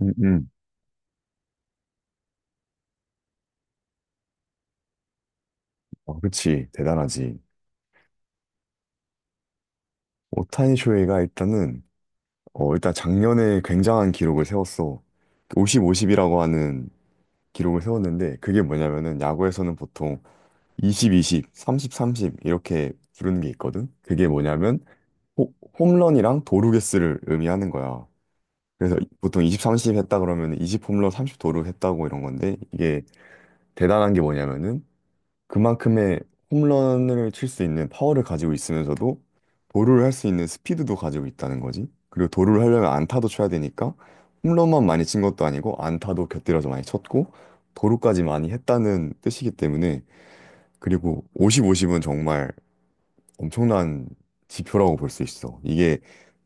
음, 음. 아, 그치. 대단하지. 오타니 쇼헤이가 일단은, 일단 작년에 굉장한 기록을 세웠어. 50, 50이라고 하는 기록을 세웠는데, 그게 뭐냐면은, 야구에서는 보통 20, 20, 30, 30 이렇게 부르는 게 있거든? 그게 뭐냐면, 호- 홈런이랑 도루 개수를 의미하는 거야. 그래서 보통 20, 30 했다 그러면 20 홈런, 30 도루 했다고 이런 건데, 이게 대단한 게 뭐냐면은, 그만큼의 홈런을 칠 수 있는 파워를 가지고 있으면서도 도루를 할 수 있는 스피드도 가지고 있다는 거지. 그리고 도루를 하려면 안타도 쳐야 되니까 홈런만 많이 친 것도 아니고 안타도 곁들여서 많이 쳤고 도루까지 많이 했다는 뜻이기 때문에, 그리고 50, 50은 정말 엄청난 지표라고 볼 수 있어. 이게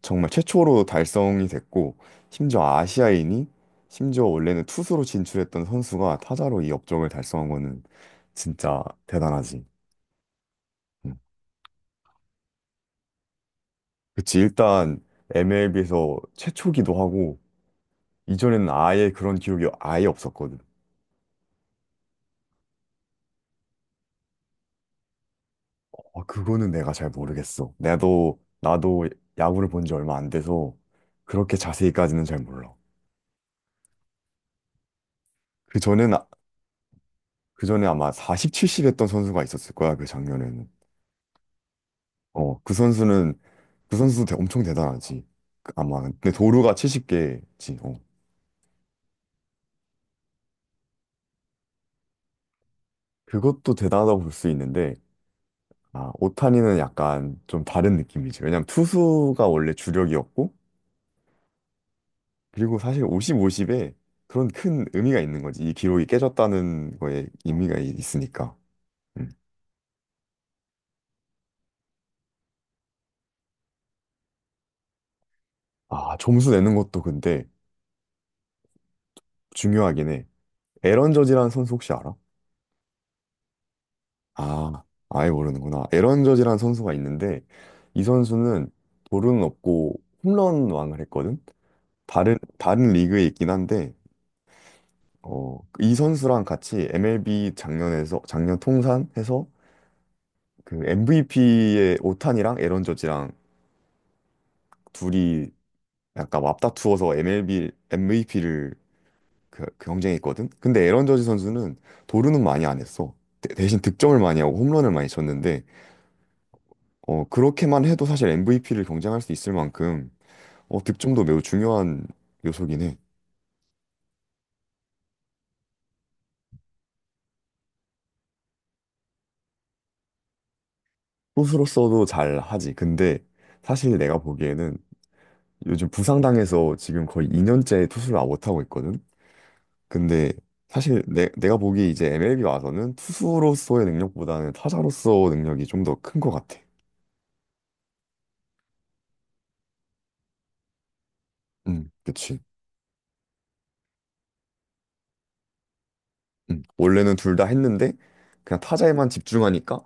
정말 최초로 달성이 됐고, 심지어 아시아인이, 심지어 원래는 투수로 진출했던 선수가 타자로 이 업적을 달성한 거는 진짜 대단하지. 음. 그치, 일단 MLB에서 최초기도 하고, 이전에는 아예 그런 기록이 아예 없었거든. 아, 그거는 내가 잘 모르겠어. 나도, 야구를 본 지 얼마 안 돼서 그렇게 자세히까지는 잘 몰라. 그 전엔, 그 전에 아마 40, 70 했던 선수가 있었을 거야, 그 작년에는. 어, 그 선수는, 그 선수도 엄청 대단하지. 그 아마. 근데 도루가 70개지. 어. 그것도 대단하다고 볼 수 있는데, 아, 오타니는 약간 좀 다른 느낌이지. 왜냐면 투수가 원래 주력이었고, 그리고 사실 50, 50에 그런 큰 의미가 있는 거지. 이 기록이 깨졌다는 거에 의미가 있으니까. 음. 아, 점수 내는 것도 근데 중요하긴 해. 에런 저지라는 선수 혹시 알아? 아, 아예 모르는구나. 에런 저지라는 선수가 있는데, 이 선수는 볼은 없고 홈런 왕을 했거든? 다른, 리그에 있긴 한데, 어, 이 선수랑 같이 MLB 작년에서, 작년 통산해서 그 MVP의 오탄이랑 에런 저지랑 둘이 약간 맞다투어서 MLB MVP를 그 경쟁했거든. 근데 에런 저지 선수는 도루는 많이 안 했어. 대신 득점을 많이 하고 홈런을 많이 쳤는데, 그렇게만 해도 사실 MVP를 경쟁할 수 있을 만큼 득점도 매우 중요한 요소긴 해. 투수로서도 잘 하지. 근데 사실 내가 보기에는 요즘 부상당해서 지금 거의 2년째 투수를 못 하고 있거든. 근데 사실 내가 보기 이제 MLB 와서는 투수로서의 능력보다는 타자로서 능력이 좀 더 큰 것 같아. 응, 그치. 응, 원래는 둘 다 했는데 그냥 타자에만 집중하니까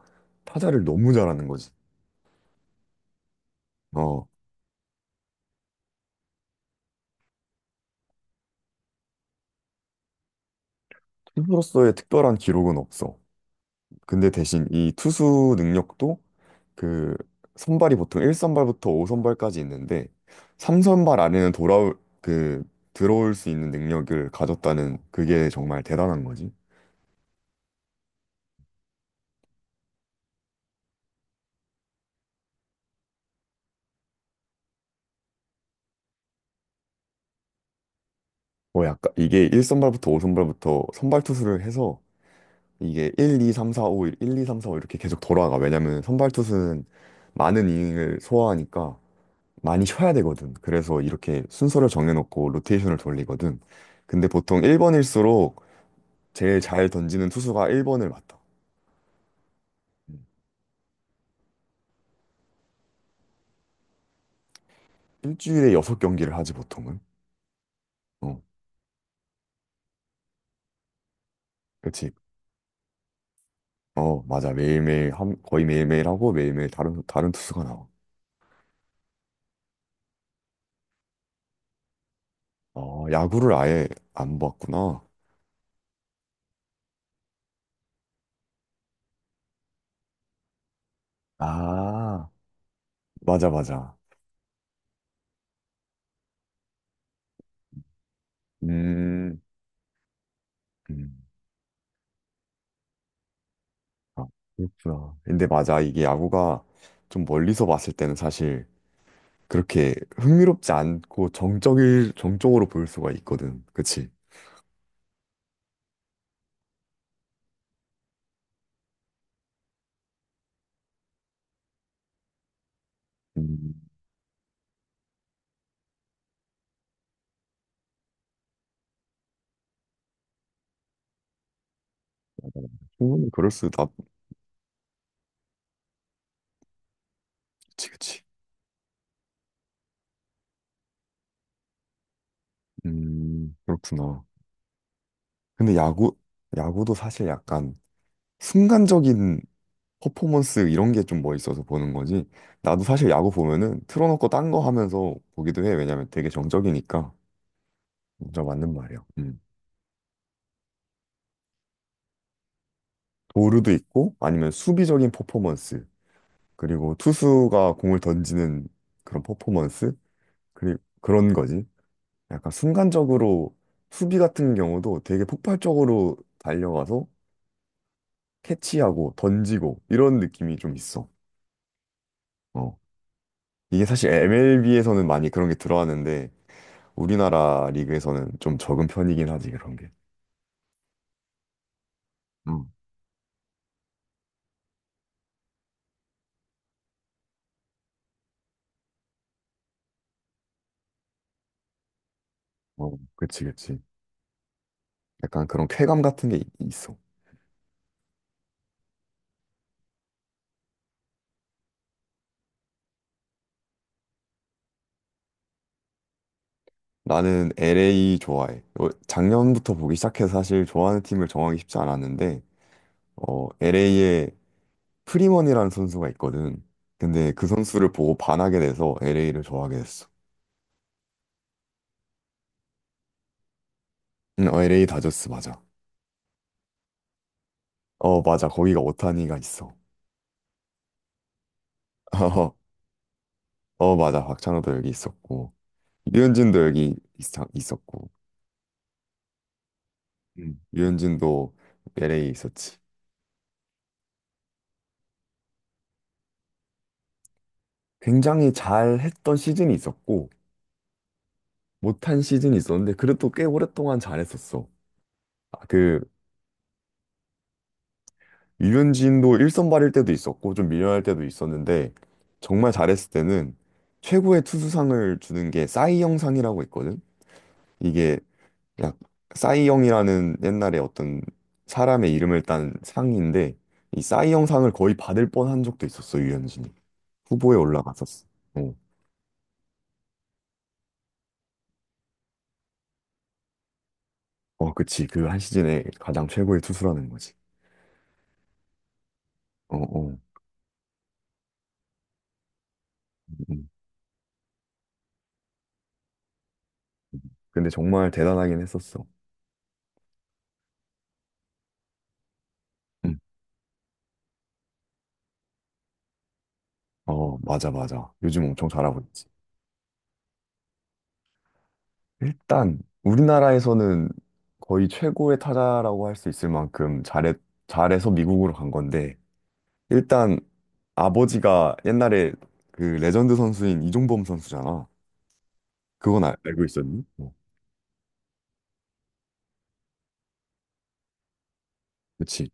타자를 너무 잘하는 거지. 어, 투수로서의 특별한 기록은 없어. 근데 대신 이 투수 능력도, 그 선발이 보통 1선발부터 5선발까지 있는데 3선발 안에는 돌아올 그 들어올 수 있는 능력을 가졌다는, 그게 정말 대단한 거지. 뭐 약간 이게 1선발부터 5선발부터 선발 투수를 해서 이게 1, 2, 3, 4, 5, 1, 2, 3, 4, 5 이렇게 계속 돌아가. 왜냐면 선발 투수는 많은 이닝을 소화하니까 많이 쉬어야 되거든. 그래서 이렇게 순서를 정해놓고 로테이션을 돌리거든. 근데 보통 1번일수록 제일 잘 던지는 투수가 1번을 맡아. 음. 일주일에 6경기를 하지 보통은. 어, 그치. 어, 맞아. 매일매일 거의 매일매일 하고 매일매일 다른 투수가 나와. 어, 야구를 아예 안 봤구나. 아. 맞아, 맞아. 음, 음. 아, 그렇구나. 근데 맞아. 이게 야구가 좀 멀리서 봤을 때는 사실 그렇게 흥미롭지 않고 정적으로 보일 수가 있거든. 그치? 음, 충분히 그럴 수, 나, 그치, 그치. 그렇구나. 근데 야구, 야구도 사실 약간 순간적인 퍼포먼스 이런 게 좀 멋있어서 보는 거지. 나도 사실 야구 보면은 틀어놓고 딴 거 하면서 보기도 해. 왜냐면 되게 정적이니까. 진짜 맞는 말이야. 음. 도루도 있고 아니면 수비적인 퍼포먼스, 그리고 투수가 공을 던지는 그런 퍼포먼스 그리 그런 거지. 약간 순간적으로 수비 같은 경우도 되게 폭발적으로 달려가서 캐치하고 던지고 이런 느낌이 좀 있어. 어. 이게 사실 MLB에서는 많이 그런 게 들어왔는데 우리나라 리그에서는 좀 적은 편이긴 하지 그런 게. 음. 어, 그치, 그치. 약간 그런 쾌감 같은 게 있어. 나는 LA 좋아해. 어, 작년부터 보기 시작해서 사실 좋아하는 팀을 정하기 쉽지 않았는데, LA에 프리먼이라는 선수가 있거든. 근데 그 선수를 보고 반하게 돼서 LA를 좋아하게 됐어. 응, 어, LA 다저스 맞아. 어, 맞아. 거기가 오타니가 있어. 어, 맞아. 박찬호도 여기 있었고, 유현진도 여기 있었고, 유현진도 LA 있었지. 굉장히 잘했던 시즌이 있었고, 못한 시즌이 있었는데, 그래도 꽤 오랫동안 잘했었어. 아, 그 유현진도 일선발일 때도 있었고 좀 밀려날 때도 있었는데, 정말 잘했을 때는 최고의 투수상을 주는 게 싸이영상이라고 있거든. 이게 약 싸이영이라는 옛날에 어떤 사람의 이름을 딴 상인데, 이 싸이영상을 거의 받을 뻔한 적도 있었어, 유현진이. 후보에 올라갔었어. 어, 어, 그치. 그 한 시즌에 가장 최고의 투수라는 거지. 어, 어. 음. 음. 근데 정말 대단하긴 했었어. 응. 어, 맞아, 맞아. 요즘 엄청 잘하고 있지. 일단 우리나라에서는 거의 최고의 타자라고 할 수 있을 만큼 잘해, 잘해서 미국으로 간 건데, 일단 아버지가 옛날에 그 레전드 선수인 이종범 선수잖아. 그건 알, 고 있었니? 어. 그치.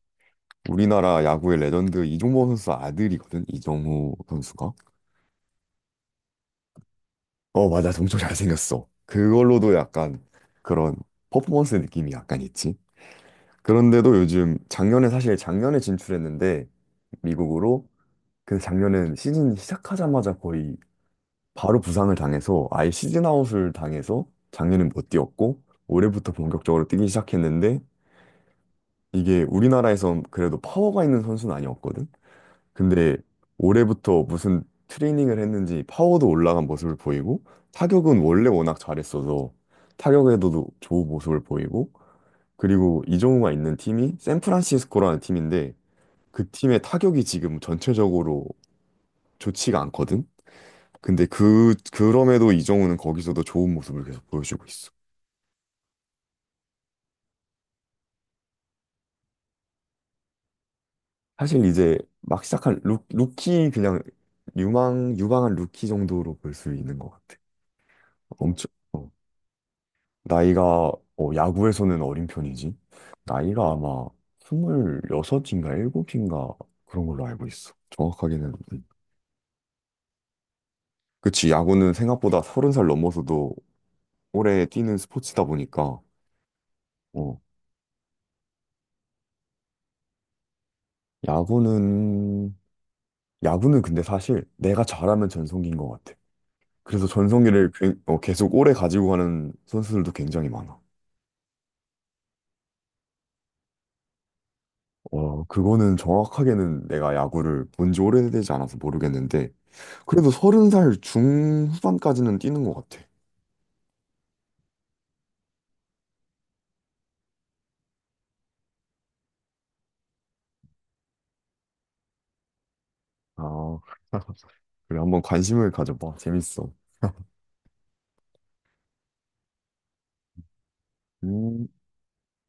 우리나라 야구의 레전드 이종범 선수 아들이거든. 이정후 선수가. 어, 맞아. 엄청 잘생겼어. 그걸로도 약간 그런 퍼포먼스 느낌이 약간 있지. 그런데도 요즘 작년에, 사실 작년에 진출했는데 미국으로, 그데 작년엔 시즌 시작하자마자 거의 바로 부상을 당해서 아예 시즌 아웃을 당해서 작년엔 못 뛰었고 올해부터 본격적으로 뛰기 시작했는데, 이게 우리나라에선 그래도 파워가 있는 선수는 아니었거든. 근데 올해부터 무슨 트레이닝을 했는지 파워도 올라간 모습을 보이고, 타격은 원래 워낙 잘했어서 타격에도 좋은 모습을 보이고, 그리고 이정우가 있는 팀이 샌프란시스코라는 팀인데 그 팀의 타격이 지금 전체적으로 좋지가 않거든. 근데 그 그럼에도 이정우는 거기서도 좋은 모습을 계속 보여주고 있어. 사실 이제 막 시작한 루키 그냥 유망한 루키 정도로 볼 수 있는 것 같아. 엄청 나이가 야구에서는 어린 편이지. 나이가 아마 26인가 7인가 그런 걸로 알고 있어. 정확하게는 그치, 야구는 생각보다 30살 넘어서도 오래 뛰는 스포츠다 보니까. 어, 야구는, 야구는 근데 사실 내가 잘하면 전성기인 것 같아. 그래서 전성기를 계속 오래 가지고 가는 선수들도 굉장히 많아. 어, 그거는 정확하게는 내가 야구를 본지 오래되지 않아서 모르겠는데, 그래도 서른 살 중후반까지는 뛰는 것 같아. 아, 그래, 한번 관심을 가져봐. 재밌어. 음,